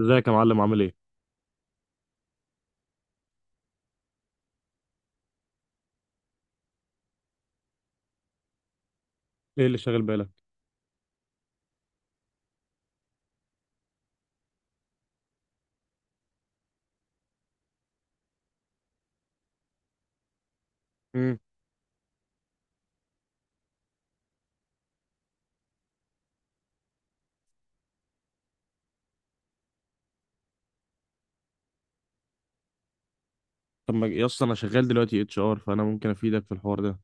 ازيك يا معلم؟ عامل ايه؟ ايه اللي شاغل بالك؟ امم. طب ما يا اسطى، انا شغال دلوقتي اتش ار، فانا ممكن افيدك في الحوار ده.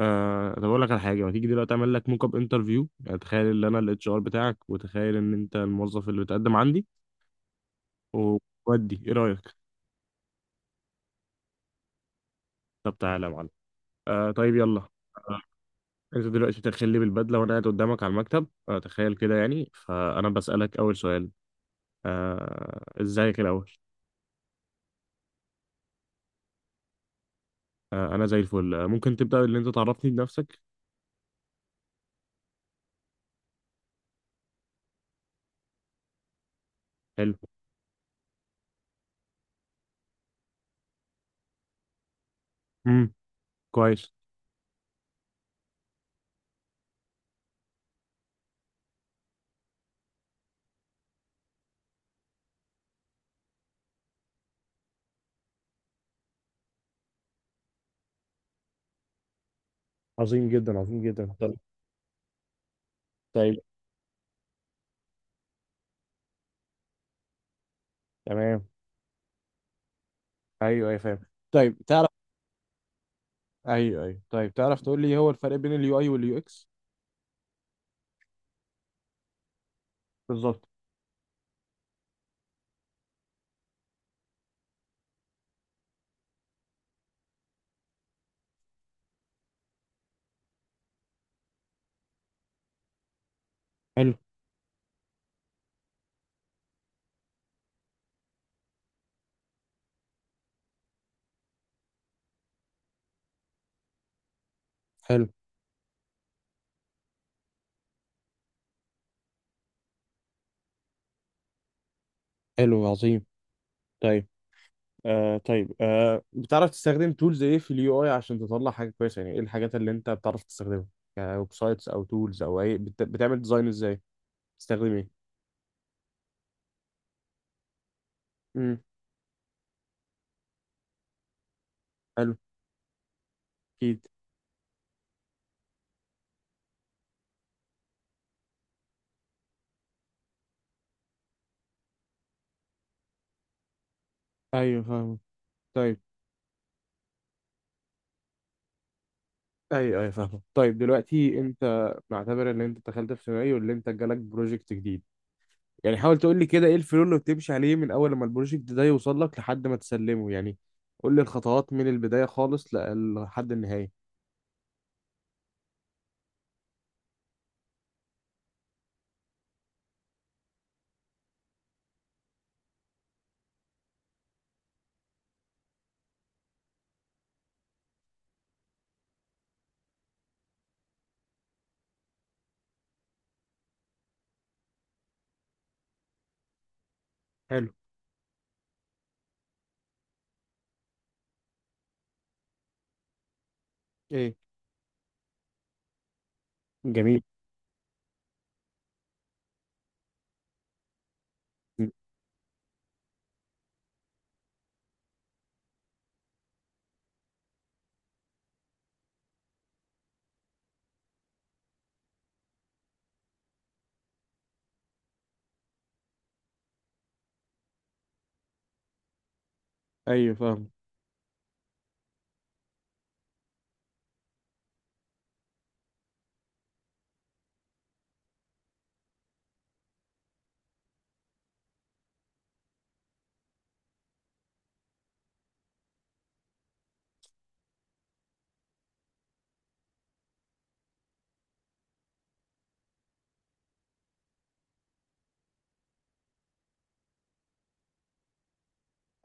طب اقول لك على حاجه، ما تيجي دلوقتي اعمل لك موك اب انترفيو، يعني تخيل ان انا الاتش ار بتاعك وتخيل ان انت الموظف اللي بتقدم عندي. وودي؟ ايه رايك؟ طب تعالى يا معلم. آه، طيب، يلا. آه انت دلوقتي تخلي بالبدله وانا قاعد قدامك على المكتب، تخيل كده يعني، فانا بسالك اول سؤال. ازيك الاول؟ آه، انا زي الفل. ممكن تبدا ان انت تعرفني بنفسك؟ حلو. امم. كويس. عظيم جدا، عظيم جدا، طيب. طيب. تمام. ايوه، ايوه، فاهم. طيب، تعرف. ايوه، ايوه، طيب، تعرف تقول لي هو الفرق بين اليو اي واليو اكس؟ بالظبط. حلو. حلو. حلو، عظيم. طيب. طيب، بتعرف تستخدم تولز ايه في اليو اي عشان تطلع حاجه كويسه؟ يعني ايه الحاجات اللي انت بتعرف تستخدمها؟ يعني ويب سايتس او تولز او اي بتعمل ديزاين ازاي؟ بتستخدم ايه؟ امم. حلو. اكيد. ايوه، فاهم. طيب. ايوه، ايوه، فاهم. طيب، دلوقتي انت، نعتبر ان انت دخلت في سيناريو اللي انت جالك بروجكت جديد. يعني حاول تقول لي كده، ايه الفلو اللي بتمشي عليه من اول ما البروجكت ده يوصل لك لحد ما تسلمه، يعني قول لي الخطوات من البداية خالص لحد النهاية. حلو. ايه؟ جميل. م. ايوه، فاهم.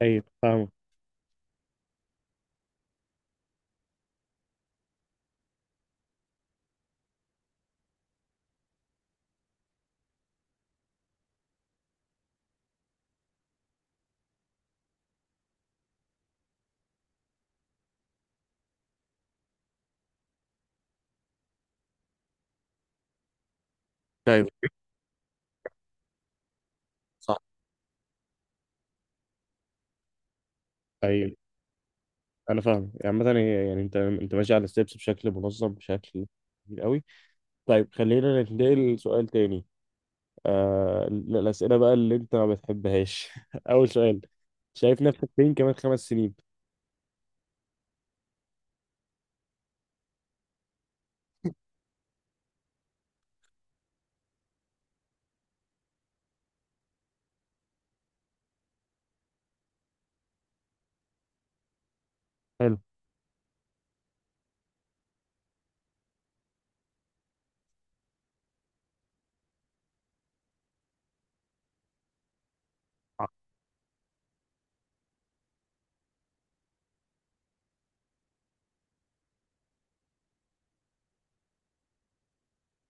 طيب، فاهم. طيب. صح. طيب. انا فاهم. يعني مثلا يعني انت ماشي على الستبس بشكل منظم، بشكل كبير قوي. طيب، خلينا ننتقل لسؤال تاني. الاسئله بقى اللي انت ما بتحبهاش اول سؤال: شايف نفسك فين كمان خمس سنين؟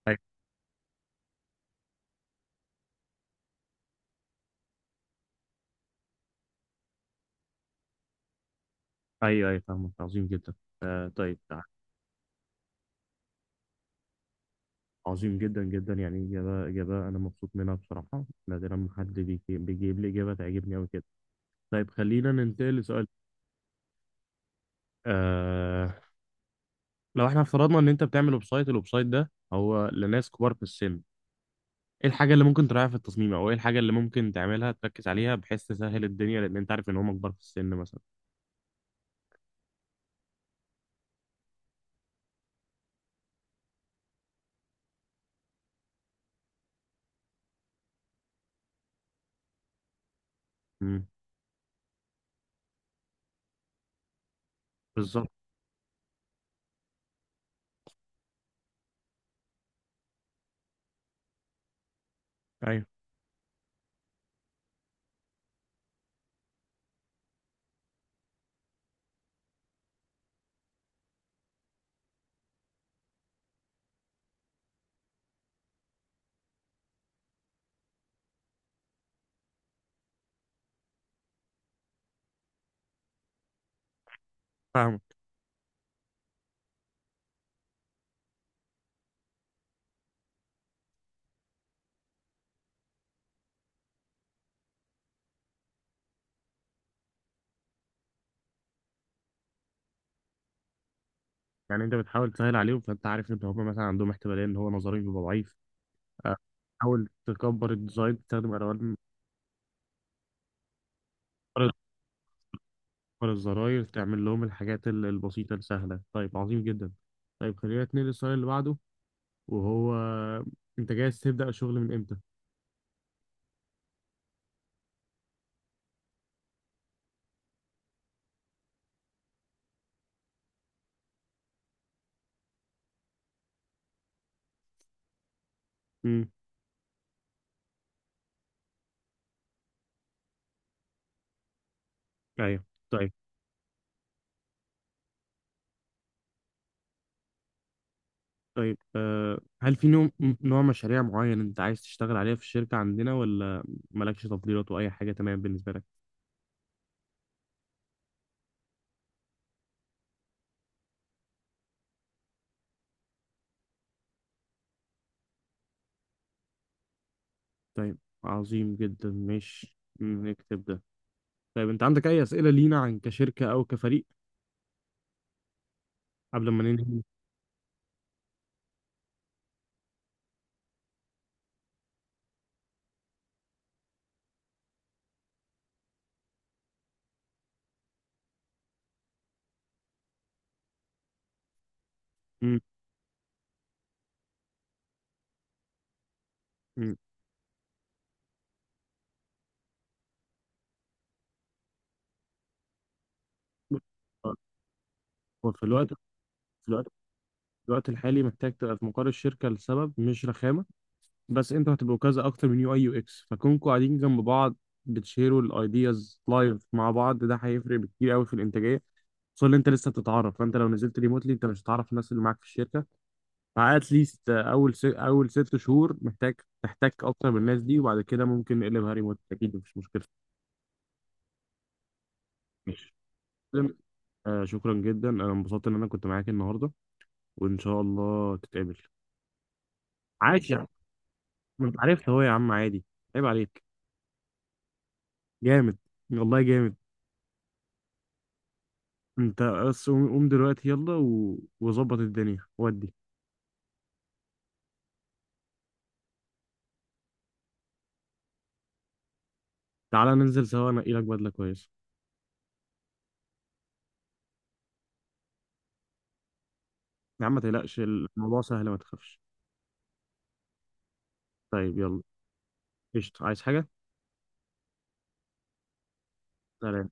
حلو. ايوه، ايوه، فاهمك. عظيم جدا. طيب. عظيم جدا، جدا. يعني اجابه انا مبسوط منها بصراحه. نادرا ما حد بيجيب لي اجابه تعجبني قوي كده. طيب، خلينا ننتقل لسؤال. آه لو احنا افترضنا ان انت بتعمل ويب سايت، الويب سايت ده هو لناس كبار في السن، ايه الحاجه اللي ممكن تراعيها في التصميم او ايه الحاجه اللي ممكن تعملها تركز عليها بحيث تسهل الدنيا، لان انت عارف ان هم كبار في السن مثلا؟ امم. بالظبط. ايوه، فاهمك. يعني انت بتحاول تسهل عليهم، فانت عارف ان هم مثلا عندهم احتماليه ان هو نظرهم يبقى ضعيف، آه، حاول تكبر الديزاين، تستخدم الوان، تكبر الزراير، تعمل لهم الحاجات البسيطه السهله. طيب، عظيم جدا. طيب، خلينا نتنقل للسؤال اللي بعده، وهو: انت جاهز تبدا الشغل من امتى؟ امم. ايوه. طيب. طيب، هل في نوع مشاريع معين انت عايز تشتغل عليها في الشركه عندنا، ولا مالكش تفضيلات واي حاجه تمام بالنسبه لك؟ طيب، عظيم جدا، ماشي، نكتب ده. طيب، انت عندك اي اسئله لينا عن كشركه او كفريق قبل ما ننهي؟ مم. مم. وفي الوقت الوقت الحالي محتاج تبقى في مقر الشركة لسبب مش رخامة. بس انتوا هتبقوا كذا، اكتر من يو اي يو اكس، فكونكوا قاعدين جنب بعض. بتشيروا الايدياز لايف مع بعض، ده هيفرق كتير قوي في الانتاجية. خصوصا ان انت لسه بتتعرف، فانت لو نزلت ريموتلي انت مش هتعرف الناس اللي معاك في الشركة. فات ليست اول ست شهور محتاج تحتك اكتر بالناس دي، وبعد كده ممكن نقلبها ريموت، اكيد مفيش مشكلة. ماشي. شكرا جدا. انا انبسطت ان انا كنت معاك النهارده، وان شاء الله تتقابل. عاش يا... ما انت عرفت اهو يا عم، عادي. عيب عليك. جامد. والله جامد. انت بس قوم قوم دلوقتي يلا، وظبط الدنيا ودي. تعالى ننزل سوا، انقي لك بدله كويسه. يا عم، ما تقلقش، الموضوع سهل، ما تخافش. طيب، يلا. قشطة، عايز حاجه؟ سلام.